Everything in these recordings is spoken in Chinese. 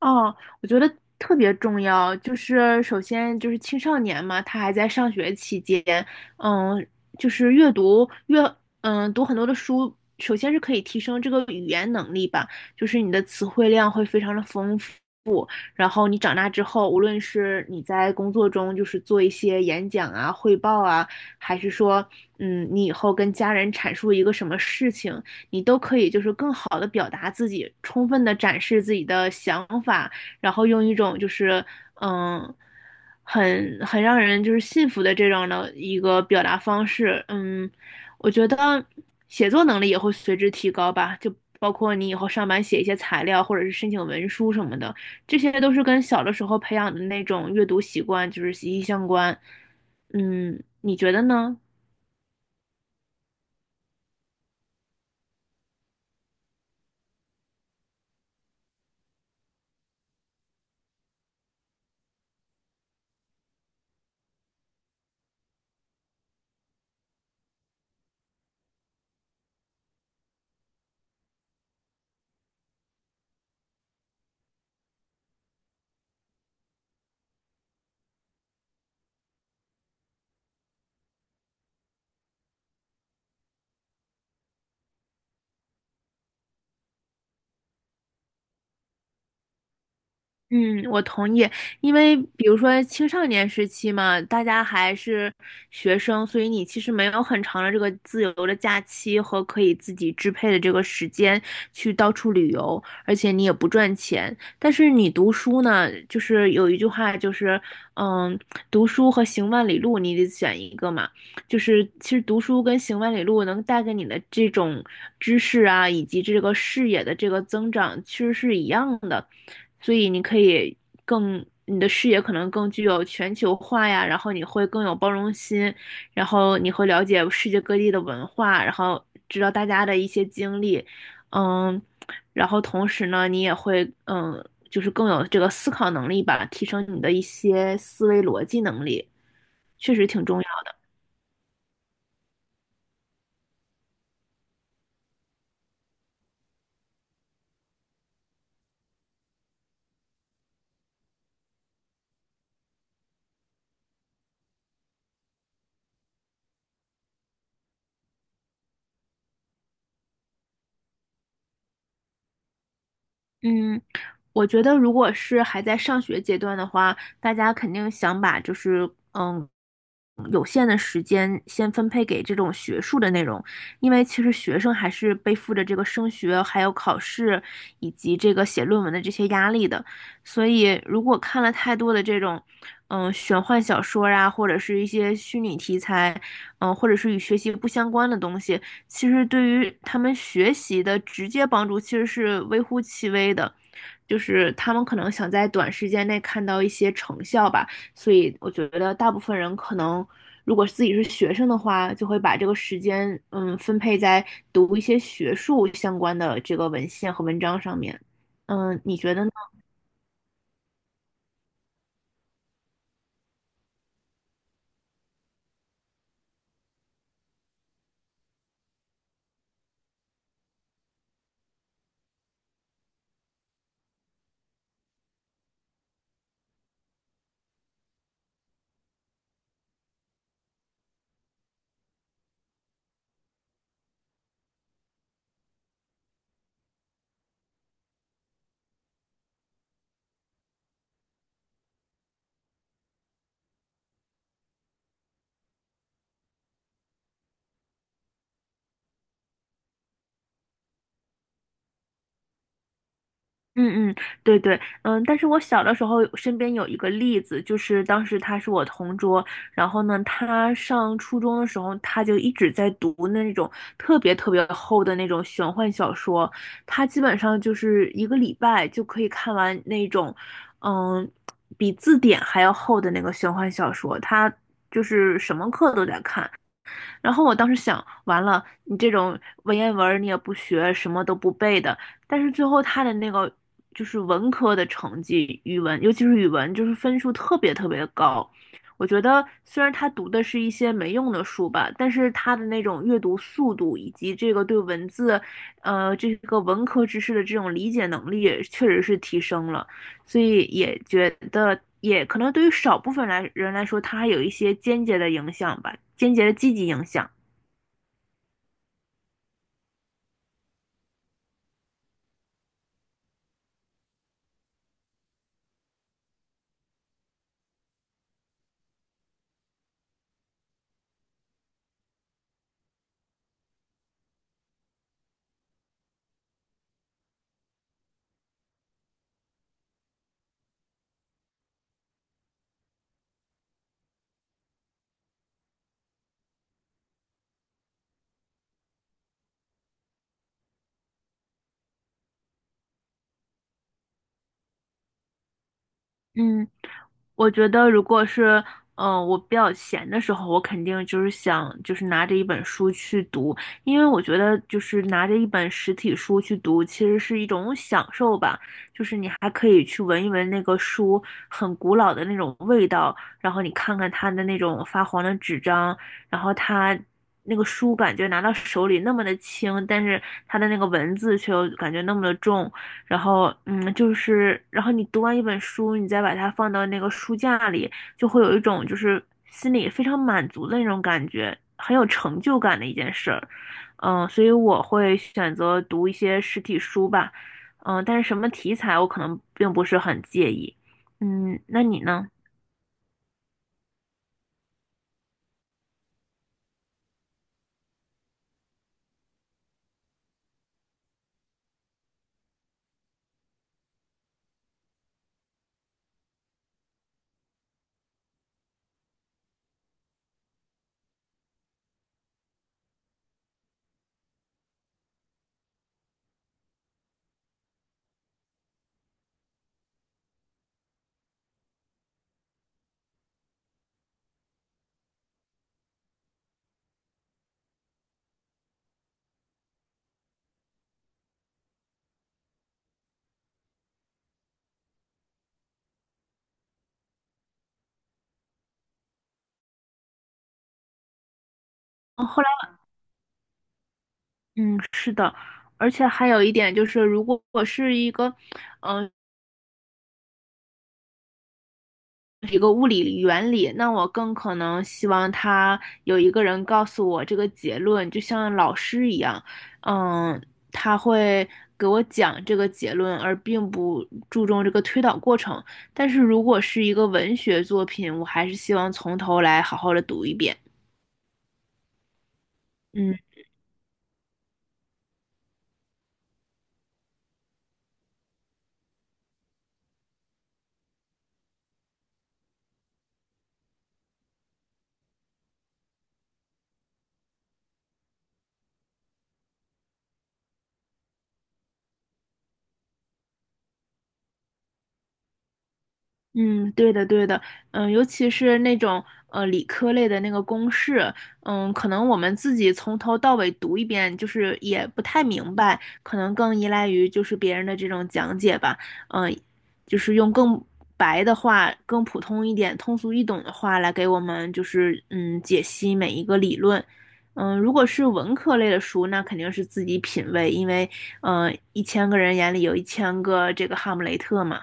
哦，我觉得特别重要，就是首先就是青少年嘛，他还在上学期间，嗯，就是阅读读很多的书，首先是可以提升这个语言能力吧，就是你的词汇量会非常的丰富，然后你长大之后，无论是你在工作中就是做一些演讲啊、汇报啊，还是说，你以后跟家人阐述一个什么事情，你都可以就是更好的表达自己，充分的展示自己的想法，然后用一种就是嗯。很让人就是信服的这种的一个表达方式，我觉得写作能力也会随之提高吧，就包括你以后上班写一些材料或者是申请文书什么的，这些都是跟小的时候培养的那种阅读习惯就是息息相关。你觉得呢？嗯，我同意，因为比如说青少年时期嘛，大家还是学生，所以你其实没有很长的这个自由的假期和可以自己支配的这个时间去到处旅游，而且你也不赚钱。但是你读书呢，就是有一句话就是，嗯，读书和行万里路，你得选一个嘛。就是其实读书跟行万里路能带给你的这种知识啊，以及这个视野的这个增长，其实是一样的，所以你可以更。你的视野可能更具有全球化呀，然后你会更有包容心，然后你会了解世界各地的文化，然后知道大家的一些经历，嗯，然后同时呢，你也会就是更有这个思考能力吧，提升你的一些思维逻辑能力，确实挺重要。嗯，我觉得如果是还在上学阶段的话，大家肯定想把就是有限的时间先分配给这种学术的内容，因为其实学生还是背负着这个升学、还有考试以及这个写论文的这些压力的，所以如果看了太多的这种，玄幻小说啊，或者是一些虚拟题材，或者是与学习不相关的东西，其实对于他们学习的直接帮助其实是微乎其微的，就是他们可能想在短时间内看到一些成效吧。所以我觉得大部分人可能，如果自己是学生的话，就会把这个时间，分配在读一些学术相关的这个文献和文章上面。你觉得呢？嗯嗯，对对，但是我小的时候身边有一个例子，就是当时他是我同桌，然后呢，他上初中的时候，他就一直在读那种特别特别厚的那种玄幻小说，他基本上就是一个礼拜就可以看完那种，嗯，比字典还要厚的那个玄幻小说，他就是什么课都在看，然后我当时想，完了，你这种文言文儿你也不学，什么都不背的，但是最后他的那个就是文科的成绩，语文尤其是语文，就是分数特别特别的高。我觉得虽然他读的是一些没用的书吧，但是他的那种阅读速度以及这个对文字，这个文科知识的这种理解能力，确实是提升了。所以也觉得，也可能对于少部分来人来说，它有一些间接的影响吧，间接的积极影响。嗯，我觉得如果是，我比较闲的时候，我肯定就是想，就是拿着一本书去读，因为我觉得就是拿着一本实体书去读，其实是一种享受吧。还可以去闻一闻那个书很古老的那种味道，然后你看看它的那种发黄的纸张，然后它那个书感觉拿到手里那么的轻，但是它的那个文字却又感觉那么的重，然后就是然后你读完一本书，你再把它放到那个书架里，就会有一种就是心里非常满足的那种感觉，很有成就感的一件事儿。所以我会选择读一些实体书吧。但是什么题材我可能并不是很介意。那你呢？哦，后来，嗯，是的，而且还有一点就是，如果我是一个，嗯、一个物理原理，那我更可能希望他有一个人告诉我这个结论，就像老师一样，嗯，他会给我讲这个结论，而并不注重这个推导过程。但是如果是一个文学作品，我还是希望从头来好好的读一遍。嗯。嗯，对的，对的，尤其是那种理科类的那个公式，可能我们自己从头到尾读一遍，就是也不太明白，可能更依赖于就是别人的这种讲解吧，嗯，就是用更白的话、更普通一点、通俗易懂的话来给我们就是解析每一个理论，如果是文科类的书，那肯定是自己品味，因为一千个人眼里有一千个这个哈姆雷特嘛。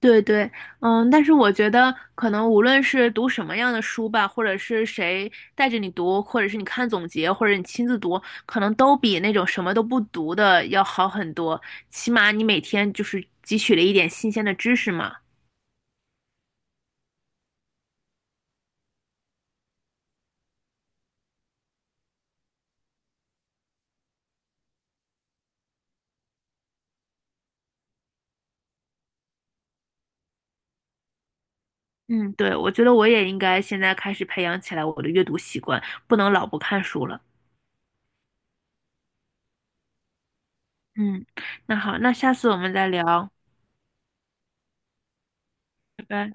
对对，但是我觉得可能无论是读什么样的书吧，或者是谁带着你读，或者是你看总结，或者你亲自读，可能都比那种什么都不读的要好很多。起码你每天就是汲取了一点新鲜的知识嘛。嗯，对，我觉得我也应该现在开始培养起来我的阅读习惯，不能老不看书了。嗯，那好，那下次我们再聊，拜拜。